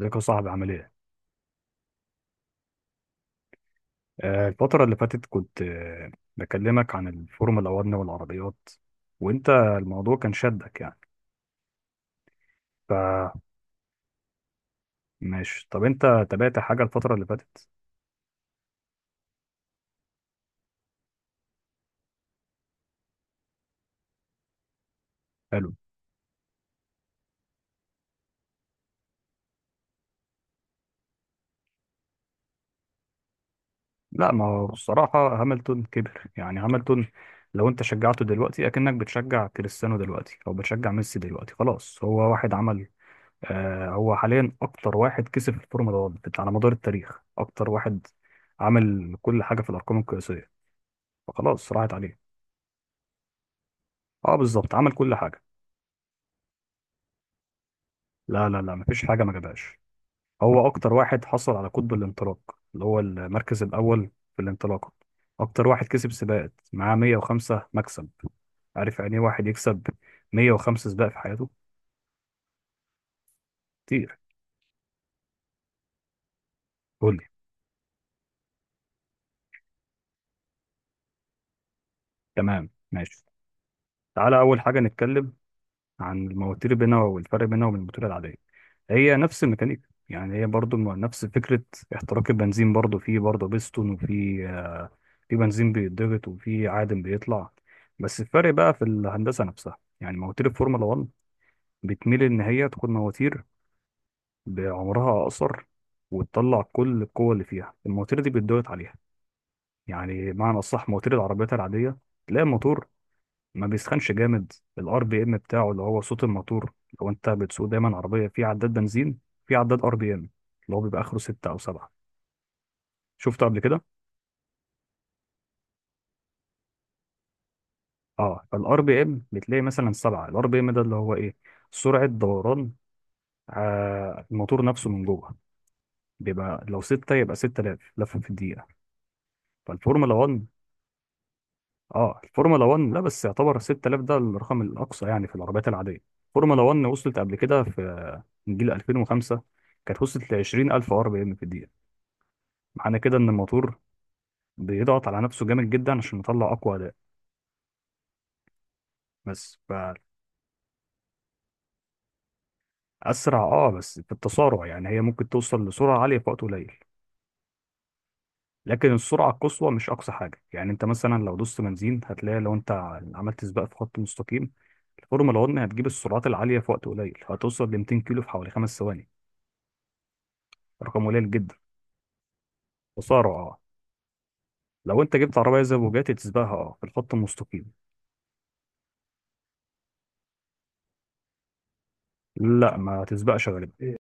ازيك يا صاحبي عامل ايه؟ الفترة اللي فاتت كنت بكلمك عن الفورمولا 1 والعربيات، وانت الموضوع كان شدك يعني. فماشي، طب انت تابعت حاجة الفترة اللي فاتت؟ حلو. لا، ما هو الصراحة هاملتون كبر، يعني هاملتون لو انت شجعته دلوقتي اكنك بتشجع كريستيانو دلوقتي او بتشجع ميسي دلوقتي. خلاص، هو واحد عمل هو حاليا اكتر واحد كسب في الفورمولا 1 على مدار التاريخ، اكتر واحد عمل كل حاجة في الارقام القياسية، فخلاص راحت عليه. اه بالظبط، عمل كل حاجه. لا لا لا، مفيش حاجه ما جابهاش. هو اكتر واحد حصل على قطب الانطلاق، اللي هو المركز الاول في الانطلاقه. اكتر واحد كسب سباقات معاه، 105 مكسب. عارف يعني ايه واحد يكسب 105 سباق في حياته؟ كتير. قول لي. تمام ماشي. تعالى اول حاجه نتكلم عن المواتير بينها والفرق بينها وبين الموتور العاديه. هي نفس الميكانيكا، يعني هي برضو نفس فكره احتراق البنزين، برضو فيه برضو بيستون، وفي بنزين بيتضغط وفي عادم بيطلع. بس الفرق بقى في الهندسة نفسها، يعني مواتير الفورمولا 1 بتميل إن هي تكون مواتير بعمرها أقصر، وتطلع كل القوة اللي فيها. المواتير دي بيتضغط عليها، يعني معنى الصح. مواتير العربيات العادية تلاقي الموتور ما بيسخنش جامد. الار بي ام بتاعه، اللي هو صوت الموتور، لو انت بتسوق دايما عربية في عداد بنزين، في عداد ار بي ام اللي هو بيبقى اخره ستة او سبعة. شفته قبل كده؟ اه، فالار بي ام بتلاقي مثلا سبعة. الار بي ام ده اللي هو ايه؟ سرعة دوران الموتور نفسه من جوه، بيبقى لو ستة يبقى 6000 لفة في الدقيقة. فالفورمولا 1 اه الفورمولا 1 لا بس يعتبر 6000 ده الرقم الأقصى يعني في العربيات العادية. الفورمولا 1 وصلت قبل كده في، من جيل 2005 كانت وصلت ل 20000 ار بي ام في الدقيقة. معنى كده إن الموتور بيضغط على نفسه جامد جدا عشان يطلع أقوى أداء. بس. فأسرع، اه بس في التسارع، يعني هي ممكن توصل لسرعة عالية في وقت قليل، لكن السرعه القصوى مش اقصى حاجه. يعني انت مثلا لو دوست بنزين هتلاقي، لو انت عملت سباق في خط مستقيم، الفورمولا 1 هتجيب السرعات العاليه في وقت قليل، هتوصل ل 200 كيلو في حوالي 5 ثواني، رقم قليل جدا. خساره اه، لو انت جبت عربيه زي بوجاتي تسبقها، اه في الخط المستقيم. لا ما تسبقش غالبا.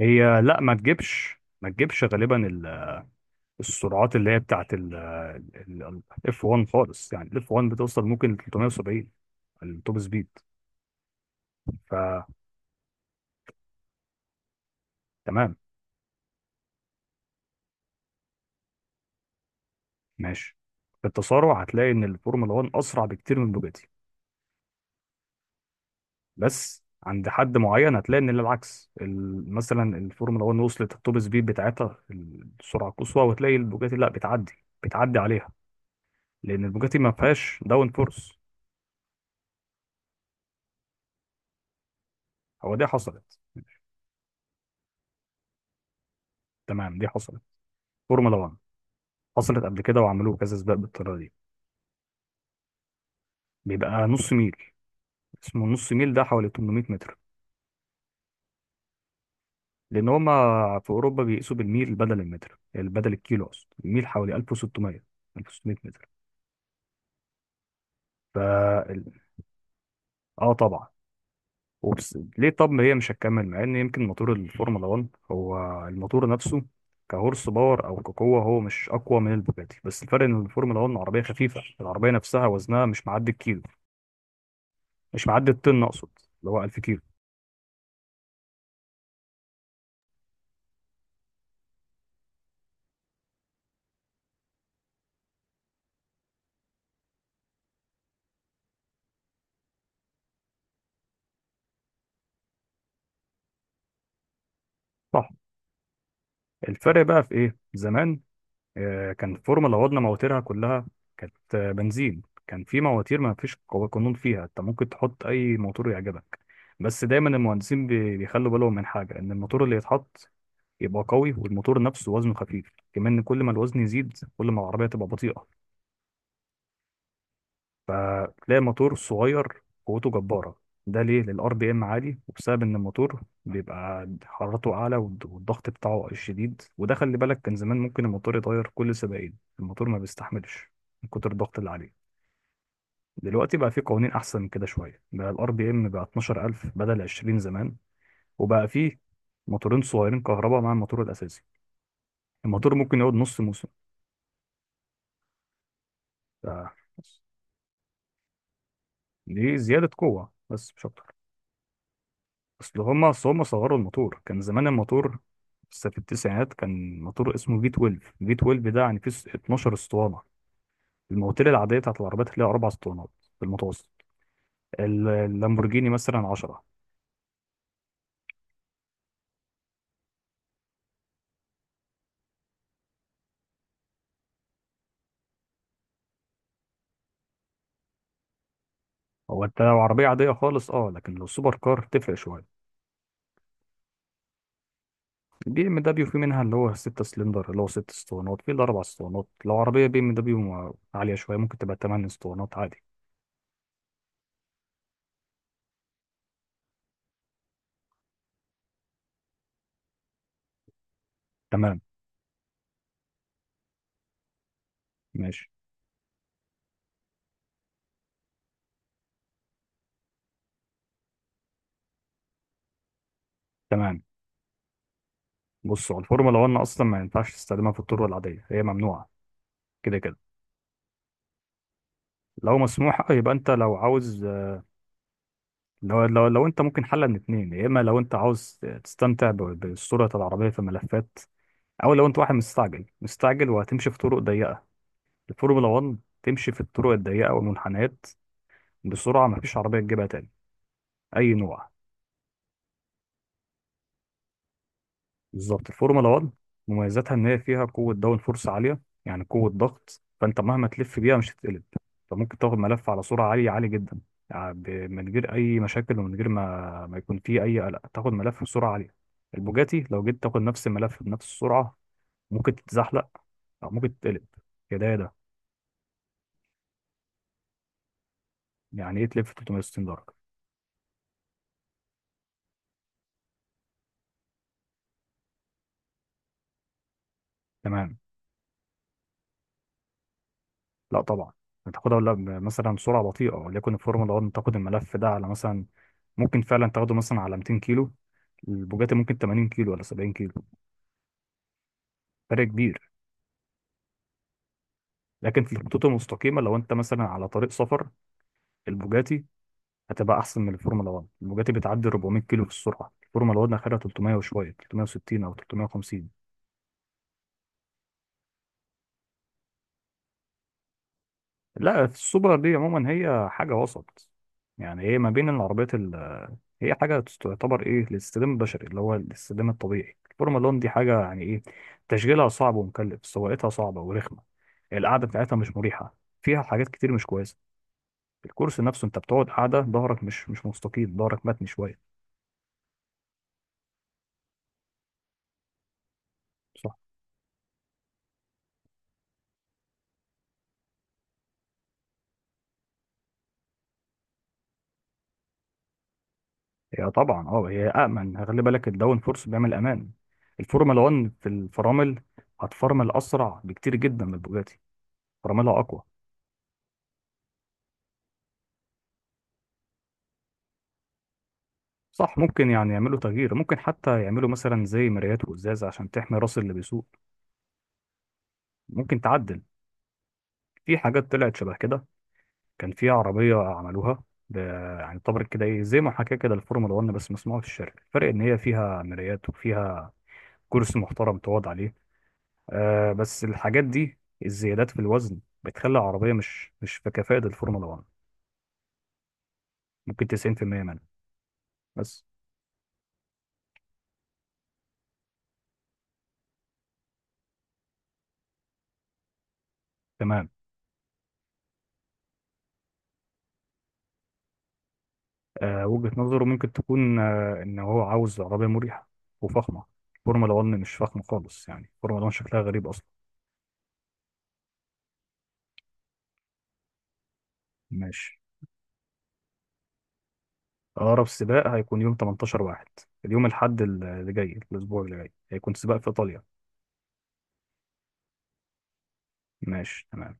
هي لا، ما تجيبش غالبا السرعات اللي هي بتاعت الاف 1 خالص، يعني الاف 1 بتوصل ممكن ل 370، التوب سبيد. فتمام ماشي. في التسارع هتلاقي ان الفورمولا 1 اسرع بكتير من بوجاتي. بس عند حد معين هتلاقي ان العكس، مثلا الفورمولا 1 وصلت التوب سبيد بتاعتها في السرعه القصوى، وتلاقي البوجاتي لا بتعدي عليها، لان البوجاتي ما فيهاش داون فورس. هو دي حصلت. تمام دي حصلت. فورمولا 1 حصلت قبل كده وعملوه كذا سباق بالطريقه دي. بيبقى نص ميل، اسمه نص ميل، ده حوالي 800 متر، لان هما في اوروبا بيقيسوا بالميل بدل المتر، بدل الكيلو اقصد. الميل حوالي 1600 متر. ف اه طبعا. وبس ليه؟ طب ما هي مش هتكمل، مع ان يمكن موتور الفورمولا 1، هو الموتور نفسه كهورس باور او كقوه، هو مش اقوى من البوجاتي. بس الفرق ان الفورمولا 1 عربيه خفيفه، العربيه نفسها وزنها مش معدي الكيلو، مش معدي الطن اقصد، اللي هو 1000 كيلو. صح. الفرق بقى في ايه؟ زمان كان الفورمه اللي عوضنا مواتيرها كلها كانت بنزين. كان في مواتير ما فيش قانون فيها، انت ممكن تحط اي موتور يعجبك. بس دايما المهندسين بيخلوا بالهم من حاجه، ان الموتور اللي يتحط يبقى قوي، والموتور نفسه وزنه خفيف كمان. كل ما الوزن يزيد كل ما العربيه تبقى بطيئه. تلاقي موتور صغير قوته جبارة، ده ليه؟ للار بي ام عالي، وبسبب ان الموتور بيبقى حرارته اعلى، والضغط بتاعه شديد. وده خلي بالك، كان زمان ممكن الموتور يتغير كل سباقين، الموتور ما بيستحملش من كتر الضغط اللي عليه. دلوقتي بقى في قوانين احسن من كده شويه، بقى الار بي ام بقى 12000 بدل 20 زمان، وبقى فيه موتورين صغيرين كهرباء مع الموتور الاساسي، الموتور ممكن يقعد نص موسم. ف- دي زياده قوه بس مش اكتر. اصل هما صغروا الموتور. كان زمان الموتور لسه في التسعينات، كان موتور اسمه في 12، في 12 ده يعني فيه 12 اسطوانه. المواتير العاديه بتاعت العربيات اللي هي اربع اسطوانات في المتوسط. اللامبورجيني مثلا 10. هو انت لو عربيه عاديه خالص اه، لكن لو سوبر كار تفرق شويه. البي ام دبليو في منها اللي هو 6 سلندر، اللي هو 6 اسطوانات، في الاربع اسطوانات. لو عربيه بي ام دبليو عاليه شويه ممكن تبقى 8 اسطوانات عادي. تمام ماشي. تمام. بصوا، الفورمولا 1 اصلا ما ينفعش تستخدمها في الطرق العاديه، هي ممنوعه كده كده. لو مسموح يبقى انت لو عاوز، لو انت ممكن حل من اتنين، يا اما لو انت عاوز تستمتع بالصوره العربيه في ملفات، او لو انت واحد مستعجل مستعجل وهتمشي في طرق ضيقه. الفورمولا 1 تمشي في الطرق الضيقه والمنحنيات بسرعه، مفيش عربيه تجيبها تاني اي نوع. بالظبط الفورمولا 1 مميزاتها ان هي فيها قوه داون فورس عاليه، يعني قوه ضغط. فانت مهما تلف بيها مش هتتقلب، انت ممكن تاخد ملف على سرعه عاليه، عاليه جدا، يعني من غير اي مشاكل، ومن غير ما يكون فيه اي قلق، تاخد ملف بسرعه عاليه. البوجاتي لو جيت تاخد نفس الملف بنفس السرعه ممكن تتزحلق او ممكن تتقلب، يا ده يا ده. يعني ايه تلف 360 درجه؟ تمام. لا طبعا. هتاخدها ولا مثلا بسرعه بطيئه، وليكن الفورمولا 1 تاخد الملف ده على مثلا، ممكن فعلا تاخده مثلا على 200 كيلو، البوجاتي ممكن 80 كيلو ولا 70 كيلو. فرق كبير. لكن في الخطوط المستقيمه لو انت مثلا على طريق سفر، البوجاتي هتبقى احسن من الفورمولا 1. البوجاتي بتعدي 400 كيلو في السرعه، الفورمولا 1 اخرها 300 وشويه، 360 او 350. لا، السوبر دي عموما هي حاجه وسط، يعني هي ما بين العربيات. هي حاجة تعتبر إيه للاستخدام البشري، اللي هو الاستخدام الطبيعي. الفورمولا 1 دي حاجة يعني إيه، تشغيلها صعب ومكلف، سواقتها صعبة ورخمة، القعدة بتاعتها مش مريحة، فيها حاجات كتير مش كويسة. الكرسي نفسه أنت بتقعد قاعدة ظهرك مش مستقيم، ظهرك متني شوية. صح. هي طبعا هي أأمن، خلي بالك، الداون فورس بيعمل أمان. الفورمولا 1 في الفرامل هتفرمل أسرع بكتير جدا من البوجاتي، فراملها أقوى. صح، ممكن يعني يعملوا تغيير، ممكن حتى يعملوا مثلا زي مرايات وإزاز عشان تحمي راس اللي بيسوق. ممكن تعدل. في حاجات طلعت شبه كده، كان في عربية عملوها ب... يعني طبعا كده ايه، زي ما حكى كده الفورمولا 1 بس مصنوعة في الشركة، الفرق ان هي فيها مرايات وفيها كرسي محترم تقعد عليه. آه بس الحاجات دي، الزيادات في الوزن، بتخلي العربية مش في كفاءة الفورمولا 1، ممكن 90% منها بس. تمام. آه، وجهة نظره ممكن تكون ان هو عاوز عربية مريحة وفخمة. الفورمولا 1 مش فخمة خالص، يعني الفورمولا 1 شكلها غريب اصلا. ماشي. أقرب سباق هيكون يوم 18 واحد، اليوم الأحد اللي جاي، الأسبوع اللي جاي، هيكون سباق في إيطاليا. ماشي تمام.